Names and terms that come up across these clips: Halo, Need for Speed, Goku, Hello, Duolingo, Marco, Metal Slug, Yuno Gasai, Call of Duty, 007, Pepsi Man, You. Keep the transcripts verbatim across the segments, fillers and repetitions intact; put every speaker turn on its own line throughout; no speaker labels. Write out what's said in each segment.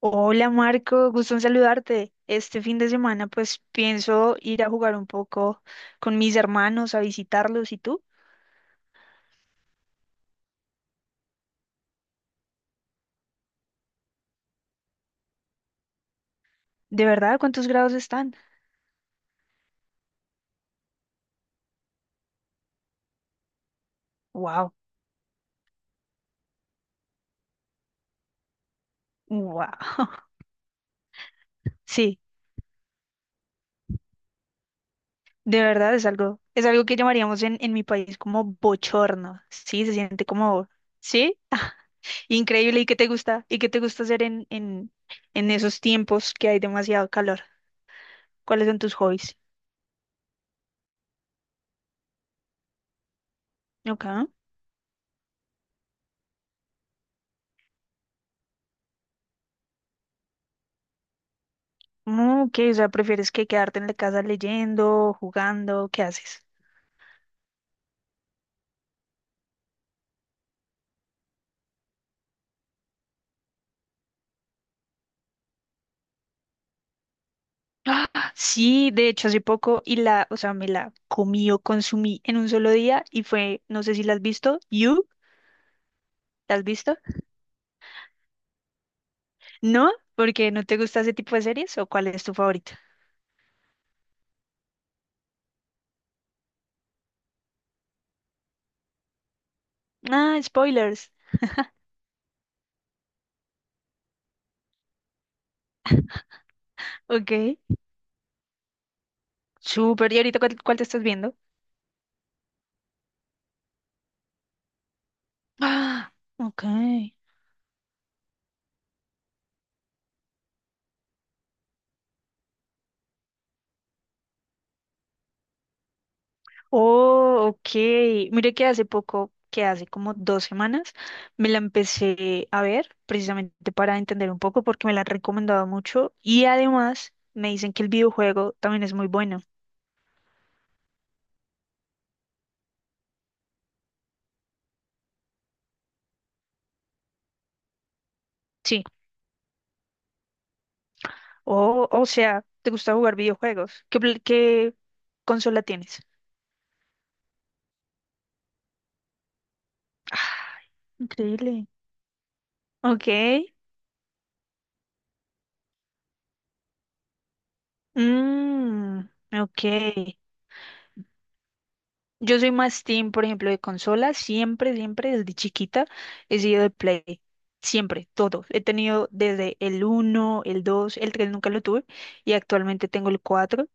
Hola Marco, gusto en saludarte. Este fin de semana pues pienso ir a jugar un poco con mis hermanos, a visitarlos. ¿Y tú? ¿De verdad cuántos grados están? Wow, wow. Sí, de verdad es algo, es algo que llamaríamos en, en mi país como bochorno. Sí, se siente como, sí, increíble. ¿Y qué te gusta? ¿Y qué te gusta hacer en, en, en esos tiempos que hay demasiado calor? ¿Cuáles son tus hobbies? Ok. Mm, ok, o sea, ¿prefieres que quedarte en la casa leyendo, jugando? ¿Qué haces? ¡Ah! Sí, de hecho hace poco y la, o sea, me la comí o consumí en un solo día y fue, no sé si la has visto, You, ¿la has visto? ¿No? ¿Porque no te gusta ese tipo de series o cuál es tu favorita? Ah, spoilers. Ok. Súper, ¿y ahorita cuál, cuál te estás viendo? Ah, ok. Oh, ok. Mire que hace poco, que hace como dos semanas, me la empecé a ver precisamente para entender un poco porque me la han recomendado mucho y además me dicen que el videojuego también es muy bueno. Sí. Oh, o sea, ¿te gusta jugar videojuegos? ¿Qué, pl- qué consola tienes? Ah, increíble. Ok. Mm, ok. Yo soy más team, por ejemplo, de consola. Siempre, siempre, desde chiquita he sido de Play. Siempre, todo. He tenido desde el uno, el dos, el tres nunca lo tuve y actualmente tengo el cuatro.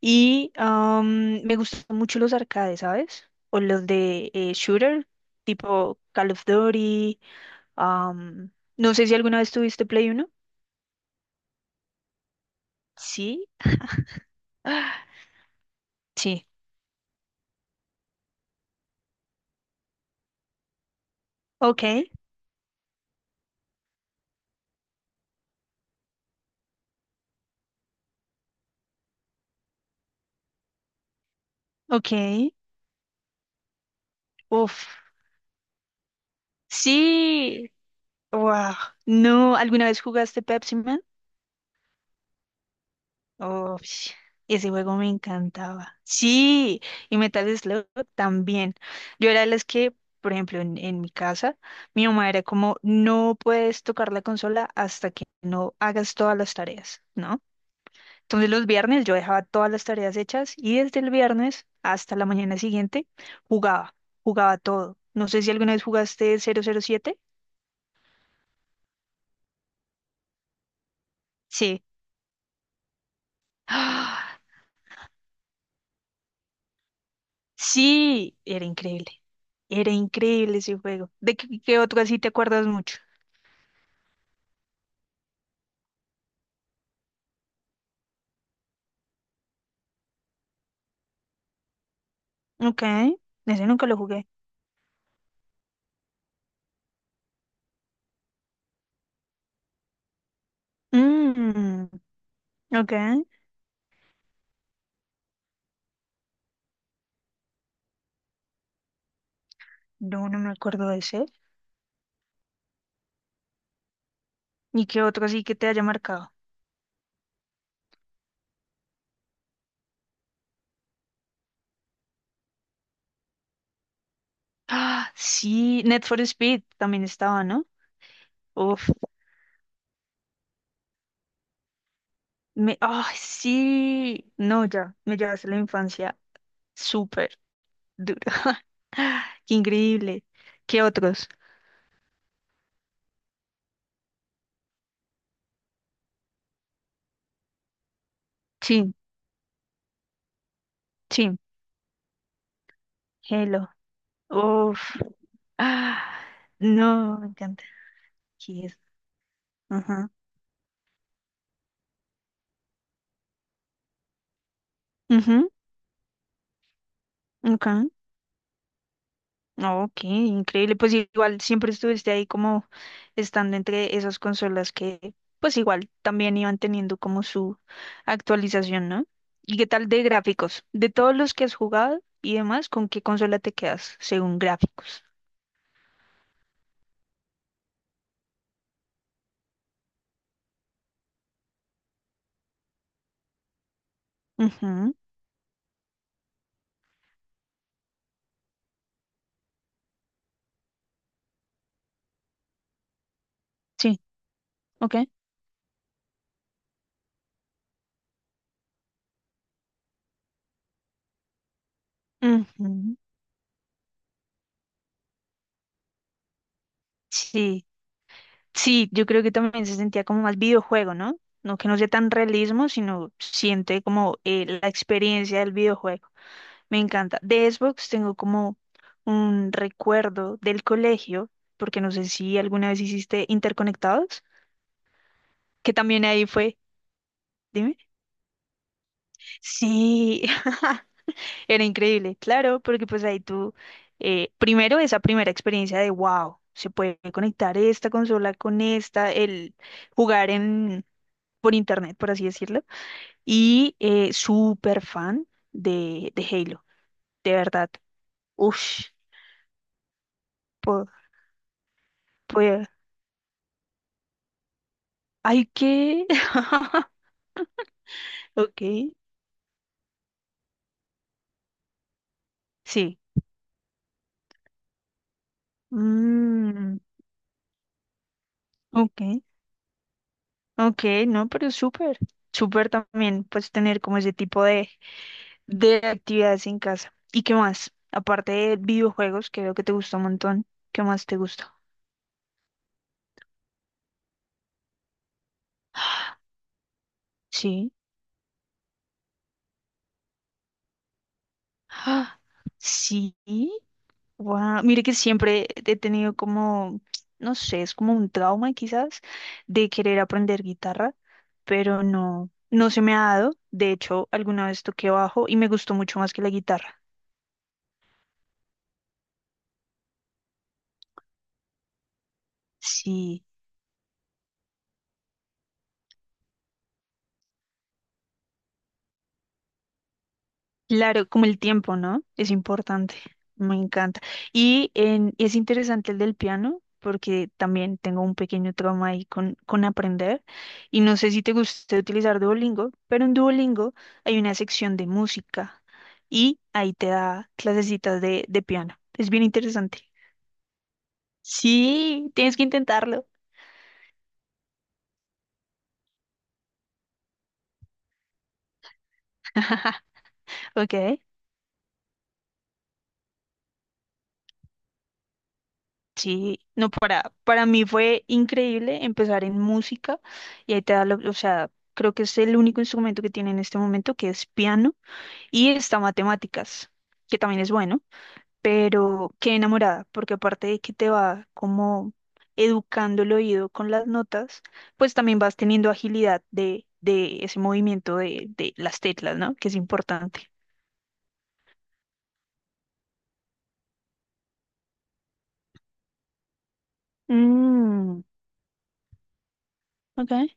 Y am, me gustan mucho los arcades, ¿sabes? O los de eh, shooter, tipo Call of Duty. am, no sé si alguna vez tuviste Play uno. Sí. Ah, sí. Ok, ok. Uf. Sí. Wow. No, ¿alguna vez jugaste Pepsi Man? Oh, sh- ese juego me encantaba. Sí, y Metal Slug también. Yo era de las que, por ejemplo, en, en mi casa, mi mamá era como, no puedes tocar la consola hasta que no hagas todas las tareas, ¿no? Entonces los viernes yo dejaba todas las tareas hechas y desde el viernes hasta la mañana siguiente jugaba, jugaba todo. No sé si alguna vez jugaste cero cero siete. Sí. Sí, era increíble. Era increíble ese juego. ¿De qué, qué otro así te acuerdas mucho? Ok, ese nunca lo jugué. Mm, ok, no, no me acuerdo de ese. ¿Y qué otro así que te haya marcado? Ah, sí, Need for Speed también estaba, ¿no? Uf, me, ah, sí, no, ya, me llevaste la infancia súper dura. Qué increíble. ¿Qué otros? Sí, sí, Hello. Uf. Ah, no, me encanta. Aquí es. Ajá. Ujú, ok. Ok, increíble. Pues igual siempre estuviste ahí como estando entre esas consolas que pues igual también iban teniendo como su actualización, ¿no? ¿Y qué tal de gráficos? De todos los que has jugado y demás, ¿con qué consola te quedas según gráficos? Ujú, sí, ok. Ujú, sí. Sí, yo creo que también se sentía como más videojuego, ¿no? No que no sea tan realismo, sino siente como eh, la experiencia del videojuego. Me encanta. De Xbox tengo como un recuerdo del colegio, porque no sé si alguna vez hiciste interconectados, que también ahí fue. Dime. Sí, era increíble, claro, porque pues ahí tú, eh, primero esa primera experiencia de wow, se puede conectar esta consola con esta, el jugar en, por internet, por así decirlo y eh, súper fan de, de Halo, de verdad. Ush, po- pues, hay que... Ok, sí. Mm, ok, ok, no, pero súper, súper también, pues tener como ese tipo de, de actividades en casa. ¿Y qué más? Aparte de videojuegos, que veo que te gusta un montón, ¿qué más te gusta? Sí. Sí. Guau, mire que siempre he tenido como, no sé, es como un trauma quizás de querer aprender guitarra, pero no, no se me ha dado. De hecho, alguna vez toqué bajo y me gustó mucho más que la guitarra. Sí, claro, como el tiempo, ¿no? Es importante, me encanta. Y en- es interesante el del piano, porque también tengo un pequeño trauma ahí con, con aprender. Y no sé si te gusta utilizar Duolingo, pero en Duolingo hay una sección de música y ahí te da clasecitas de, de piano. Es bien interesante. Sí, tienes que intentarlo. Ok. Sí, no, para, para mí fue increíble empezar en música y ahí te da, la- o sea, creo que es el único instrumento que tiene en este momento, que es piano, y está matemáticas, que también es bueno, pero qué enamorada, porque aparte de que te va como educando el oído con las notas, pues también vas teniendo agilidad de, de ese movimiento de, de las teclas, ¿no? Que es importante. Mm, ok.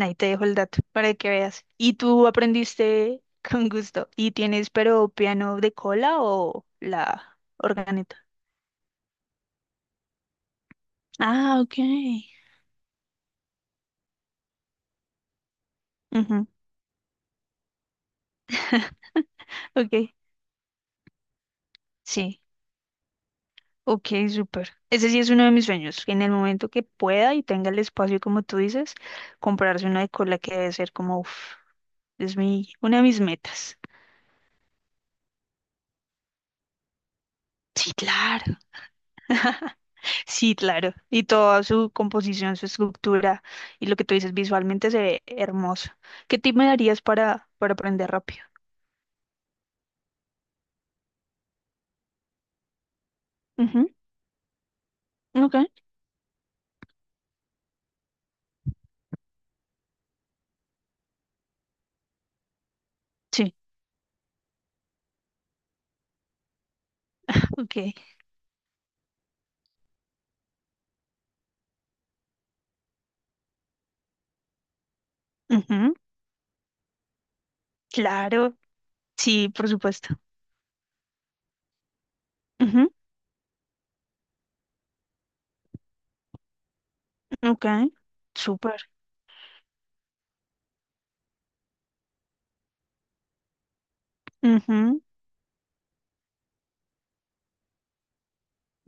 Ahí te dejo el dato para que veas. ¿Y tú aprendiste con gusto? ¿Y tienes pero piano de cola o la organeta? Ah, ok. Ujú, ok, sí, ok, súper. Ese sí es uno de mis sueños, que en el momento que pueda y tenga el espacio, como tú dices, comprarse una de cola que debe ser como, uff, es mi, una de mis metas. Sí, claro. Sí, claro. Y toda su composición, su estructura y lo que tú dices visualmente se ve hermoso. ¿Qué tip me darías para, para aprender rápido? Ujú, ok. Sí. Ok. Ujú, claro. Sí, por supuesto. Ujú, ok. Súper. Ujú,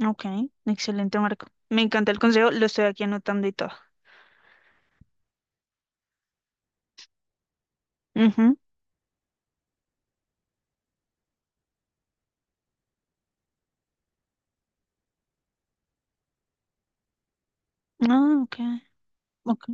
ok. Excelente, Marco. Me encanta el consejo. Lo estoy aquí anotando y todo. Ujú, ah, ok. Ok.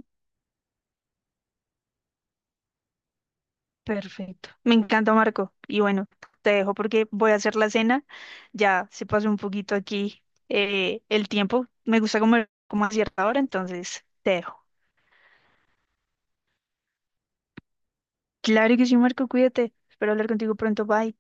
Perfecto. Me encanta, Marco. Y bueno, te dejo porque voy a hacer la cena. Ya se pasó un poquito aquí eh, el tiempo. Me gusta comer como a cierta hora, entonces te dejo. Claro que sí, Marco, cuídate. Espero hablar contigo pronto. Bye.